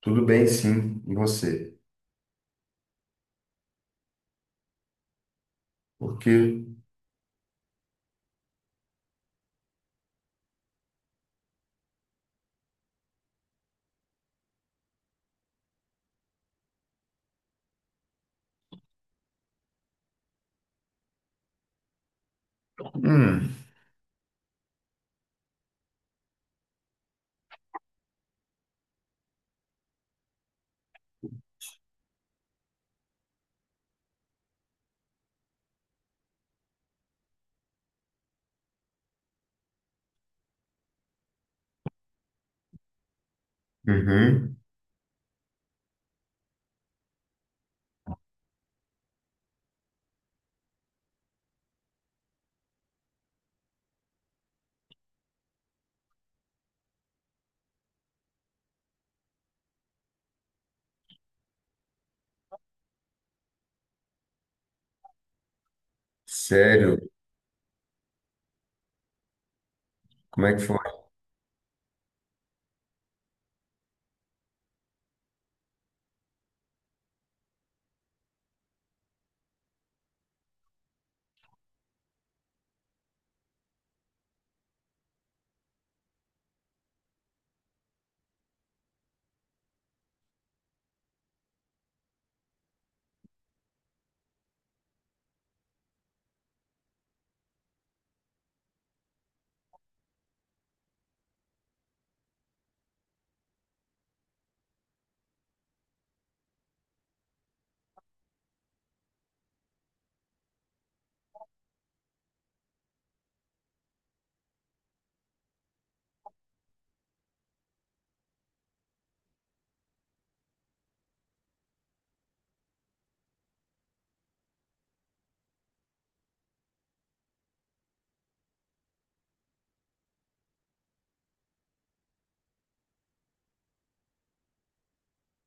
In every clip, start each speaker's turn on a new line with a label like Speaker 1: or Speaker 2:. Speaker 1: Tudo bem, sim. E você? Por quê? Hum. Uhum. Sério? Como é que foi?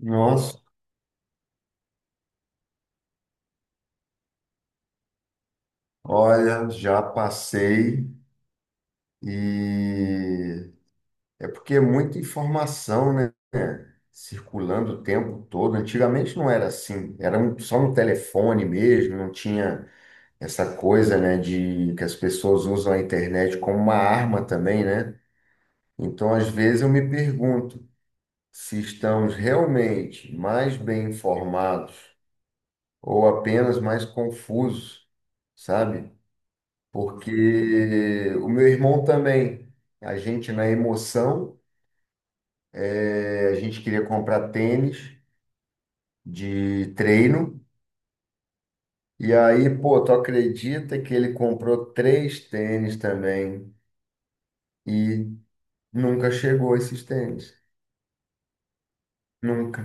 Speaker 1: Nossa, olha, já passei e é porque é muita informação, né? Circulando o tempo todo. Antigamente não era assim, só um telefone mesmo, não tinha essa coisa, né, de que as pessoas usam a internet como uma arma também, né? Então, às vezes eu me pergunto se estamos realmente mais bem informados ou apenas mais confusos, sabe? Porque o meu irmão também, a gente na emoção, a gente queria comprar tênis de treino, e aí, pô, tu acredita que ele comprou três tênis também e nunca chegou esses tênis? Nunca,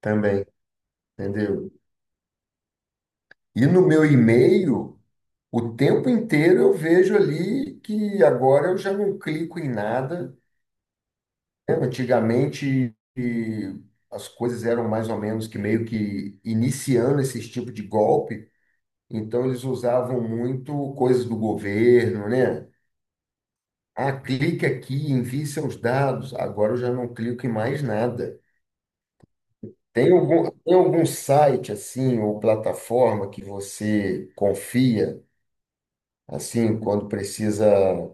Speaker 1: também, entendeu? E no meu e-mail. O tempo inteiro eu vejo ali que agora eu já não clico em nada. Né? Antigamente e as coisas eram mais ou menos que meio que iniciando esse tipo de golpe, então eles usavam muito coisas do governo, né? Ah, clique aqui, envie seus dados. Agora eu já não clico em mais nada. Tem algum site assim ou plataforma que você confia assim quando precisa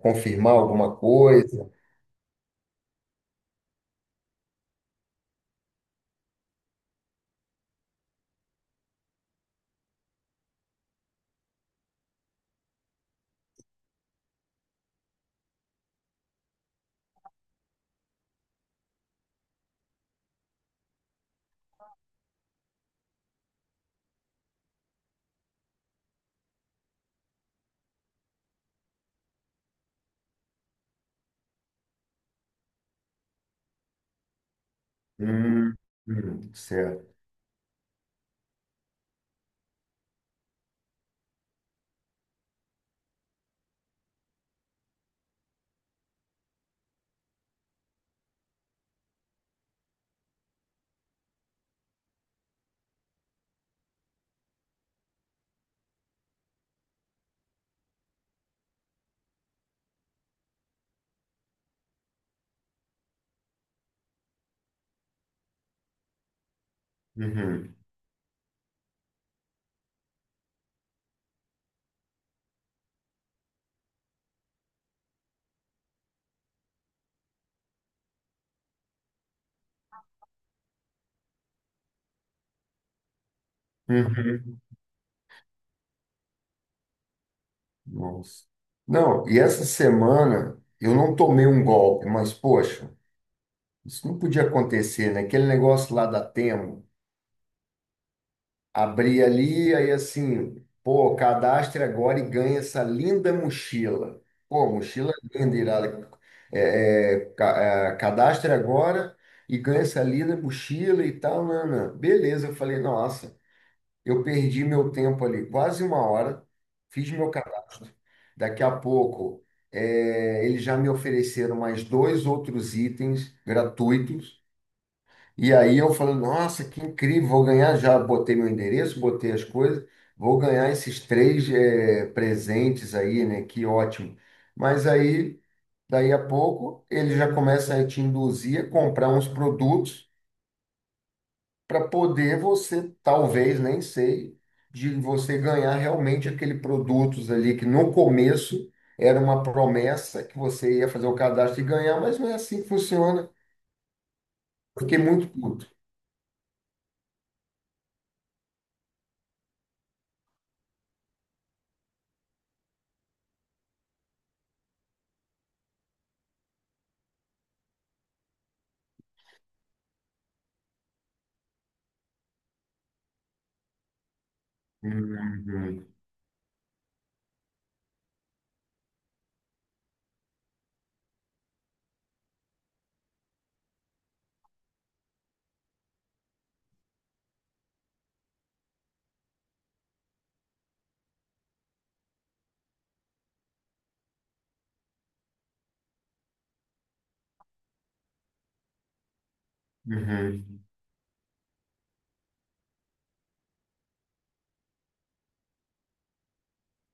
Speaker 1: confirmar alguma coisa? Hum, certo. Uhum, uhum. Nossa. Não, e essa semana eu não tomei um golpe, mas poxa, isso não podia acontecer, né? Aquele negócio lá da Temo, abri ali, aí assim, pô, cadastre agora e ganha essa linda mochila. Pô, mochila linda, irada. É, é, ca- é, cadastre agora e ganha essa linda mochila e tal, Nana. Beleza, eu falei, nossa. Eu perdi meu tempo ali, quase uma hora, fiz meu cadastro. Daqui a pouco, eles já me ofereceram mais dois outros itens gratuitos. E aí eu falei, nossa, que incrível, vou ganhar. Já botei meu endereço, botei as coisas, vou ganhar esses três, presentes aí, né? Que ótimo. Mas aí, daí a pouco, eles já começam a te induzir a comprar uns produtos para poder você, talvez, nem sei, de você ganhar realmente aquele produtos ali que no começo era uma promessa que você ia fazer o cadastro e ganhar, mas não é assim que funciona. Fiquei muito puto. Uhum, uhum.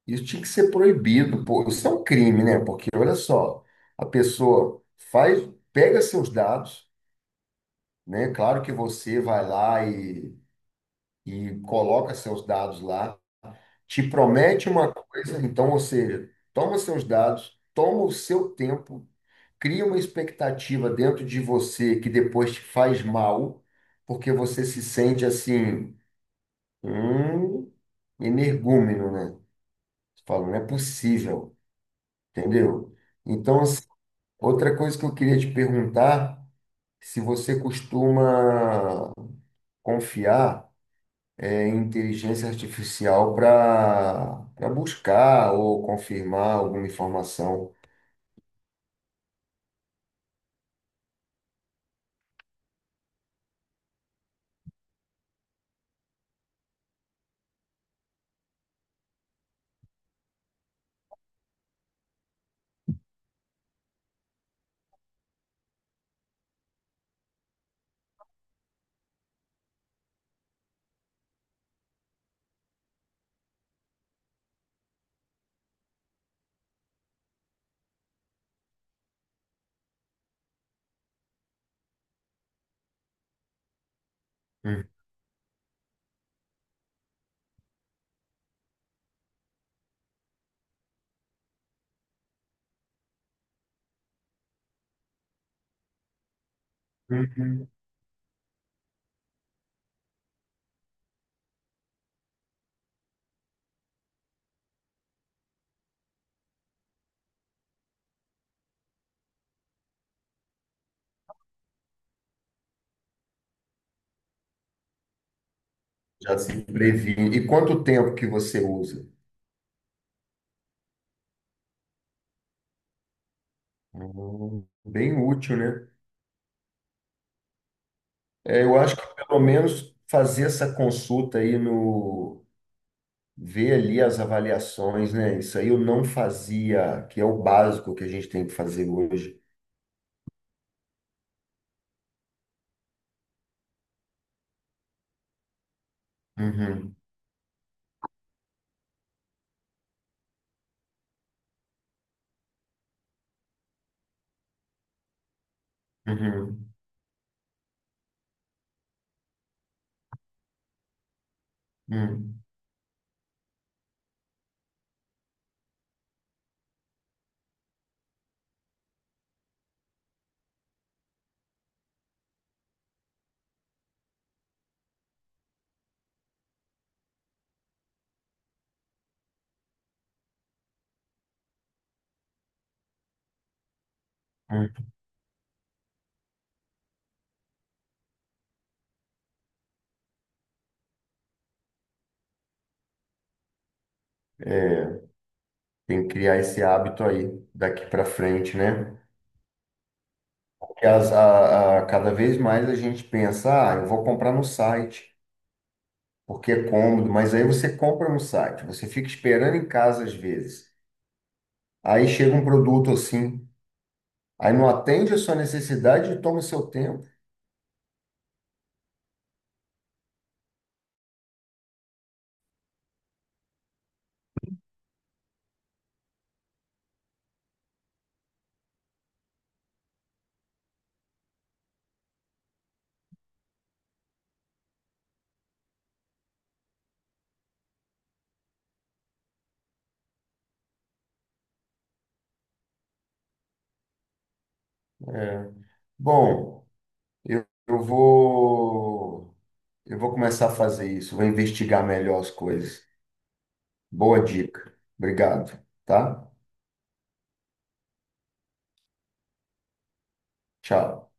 Speaker 1: Isso tinha que ser proibido, pô. Isso é um crime, né? Porque olha só, a pessoa faz, pega seus dados, né? Claro que você vai lá e coloca seus dados lá, te promete uma coisa, então, ou seja, toma seus dados, toma o seu tempo, cria uma expectativa dentro de você que depois te faz mal, porque você se sente assim, um energúmeno, né? Você fala, não é possível, entendeu? Então, assim, outra coisa que eu queria te perguntar, se você costuma confiar é, inteligência artificial para buscar ou confirmar alguma informação. Hum. Uhum. Já se previne. E quanto tempo que você usa? Bem útil, né? É, eu acho que pelo menos fazer essa consulta aí no. Ver ali as avaliações, né? Isso aí eu não fazia, que é o básico que a gente tem que fazer hoje. Uhum, uhum, uhum. É, tem que criar esse hábito aí daqui para frente, né? Que cada vez mais a gente pensa, ah, eu vou comprar no site, porque é cômodo, mas aí você compra no site, você fica esperando em casa às vezes. Aí chega um produto assim, aí não atende a sua necessidade e toma o seu tempo. Bom, eu, eu vou eu vou começar a fazer isso, vou investigar melhor as coisas. Boa dica. Obrigado, tá? Tchau.